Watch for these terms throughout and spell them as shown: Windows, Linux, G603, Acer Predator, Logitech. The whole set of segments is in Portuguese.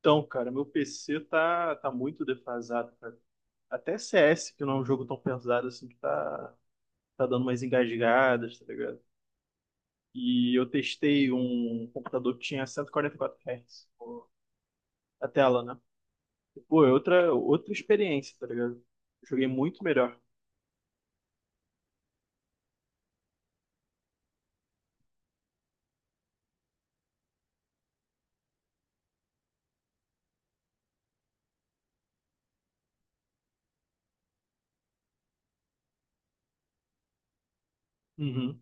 Então, cara, meu PC tá muito defasado, cara. Até CS, que não é um jogo tão pesado assim, tá dando umas engasgadas, tá ligado? E eu testei um computador que tinha cento e quarenta e quatro Hz, pô, a tela, né? Pô, é outra experiência, tá ligado? Joguei muito melhor. Uhum.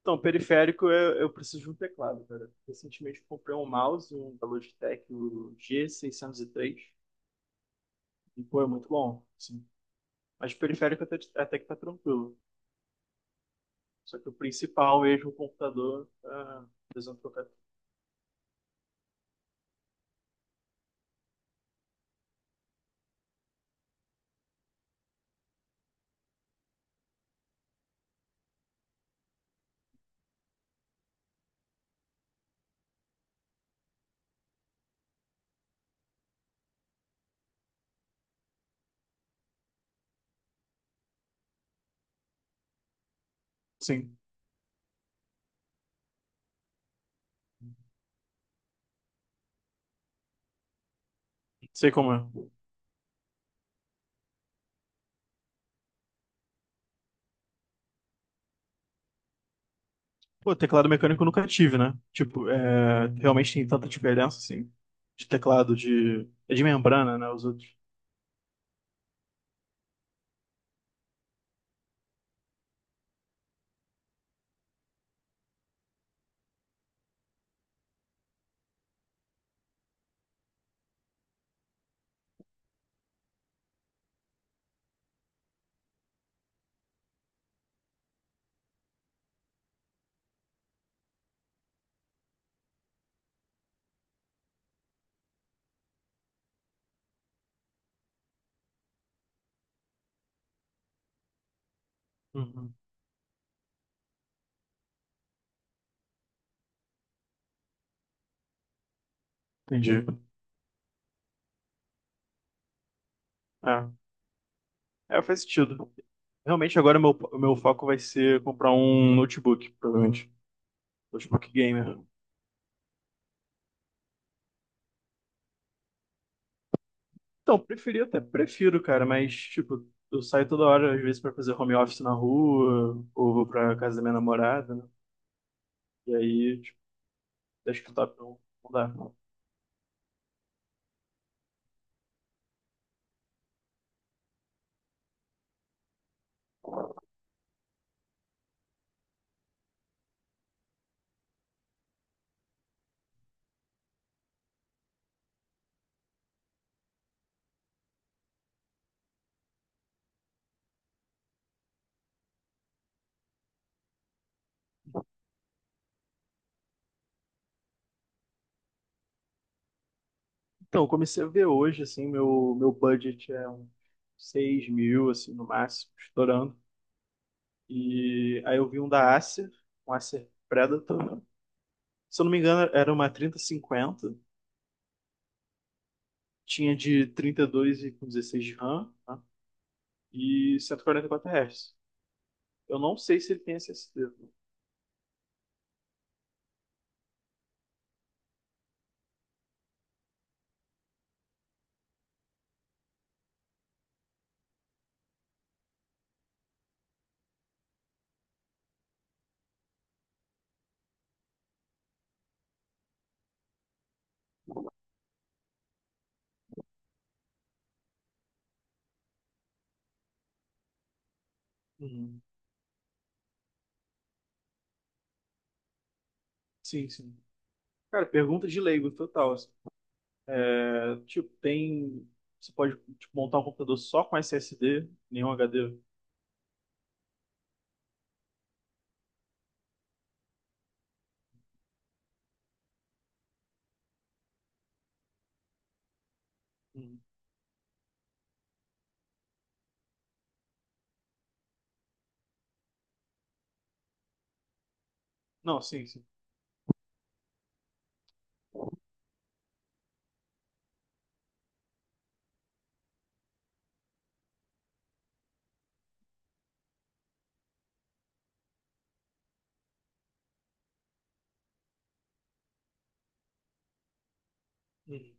Então, periférico, eu preciso de um teclado, cara. Recentemente eu comprei um mouse, um da Logitech, o G603, e três, e pô, é muito bom, assim. Mas periférico até que tá tranquilo. Só que o principal eixo do computador é desentrocado. Sim. Sei como é. Pô, teclado mecânico eu nunca tive, né? Tipo, é, realmente tem tanta diferença, assim, de teclado de. É de membrana, né? Os outros. Uhum. Entendi. É. É, faz sentido. Realmente agora o meu foco vai ser comprar um notebook, provavelmente. Notebook gamer. Então, preferi até prefiro, cara, mas, tipo, eu saio toda hora, às vezes, pra fazer home office na rua, ou vou pra casa da minha namorada, né? E aí, acho que o top não dá pra eu mudar. Então, eu comecei a ver hoje, assim, meu budget é uns 6 mil, assim, no máximo, estourando. E aí eu vi um da Acer, um Acer Predator, né? Se eu não me engano, era uma 3050. Tinha de 32 e com 16 de RAM, né? E 144 Hz. Eu não sei se ele tem SSD. Uhum. Sim, sim. Cara, pergunta de leigo total, assim. É, tipo, tem. Você pode tipo, montar um computador só com SSD, nenhum HD? Uhum. Não, sim, sim. Uhum,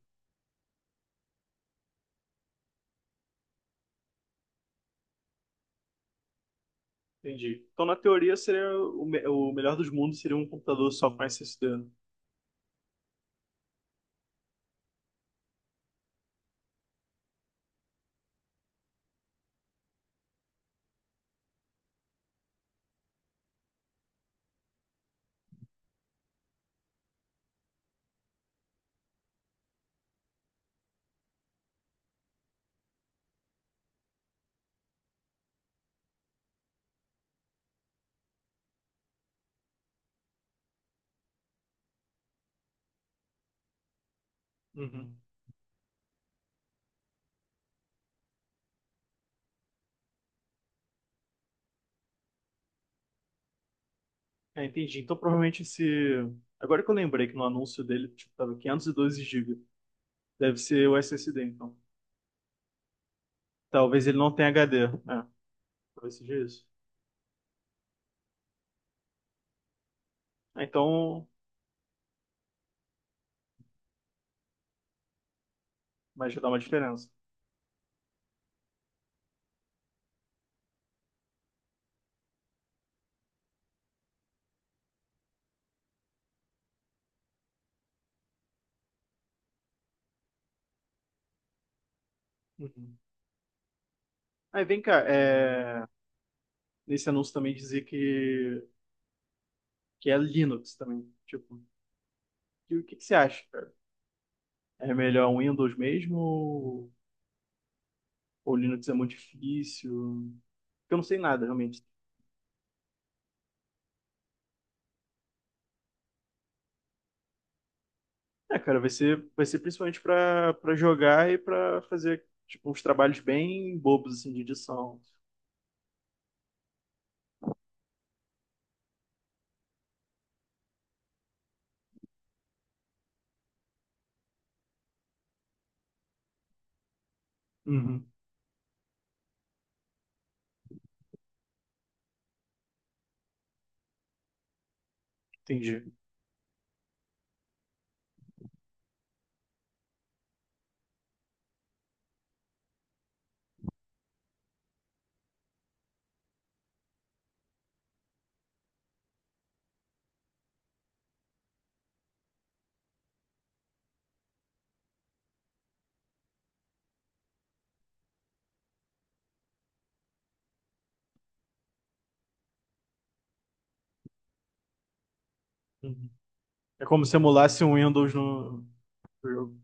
entendi. Então, na teoria, seria o, o melhor dos mundos seria um computador só com SSD, né? Uhum. É, entendi. Então, provavelmente esse. Agora que eu lembrei que no anúncio dele, tipo, tava 512 GB. Deve ser o SSD, então. Talvez ele não tenha HD. É, talvez seja isso. Ah, então, mas já dá uma diferença. Uhum. Aí vem cá, nesse anúncio também dizia que é Linux também. Tipo, e o que que você acha, cara? É melhor um Windows mesmo ou Linux é muito difícil. Porque eu não sei nada, realmente. É, cara, vai ser principalmente pra para jogar e pra fazer tipo, uns trabalhos bem bobos assim, de edição. Uhum, entendi. Uhum. É como se emulasse um Windows no no jogo.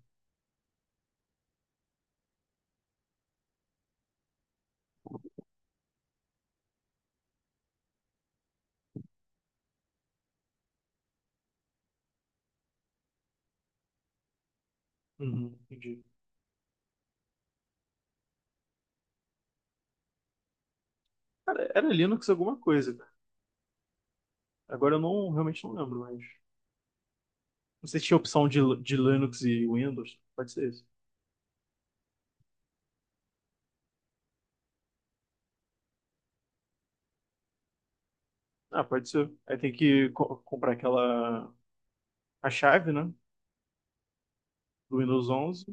Uhum, entendi. Cara, era Linux alguma coisa, cara. Agora eu não realmente não lembro, mas. Não sei se tinha opção de Linux e Windows. Pode ser isso. Ah, pode ser. Aí tem que comprar aquela a chave, né? Do Windows 11.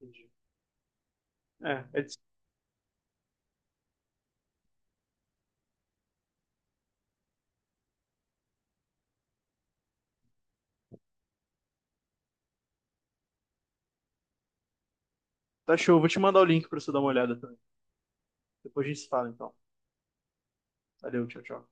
Entendi. É, é. Tá show, vou te mandar o link pra você dar uma olhada também. Depois a gente se fala, então. Valeu, tchau, tchau.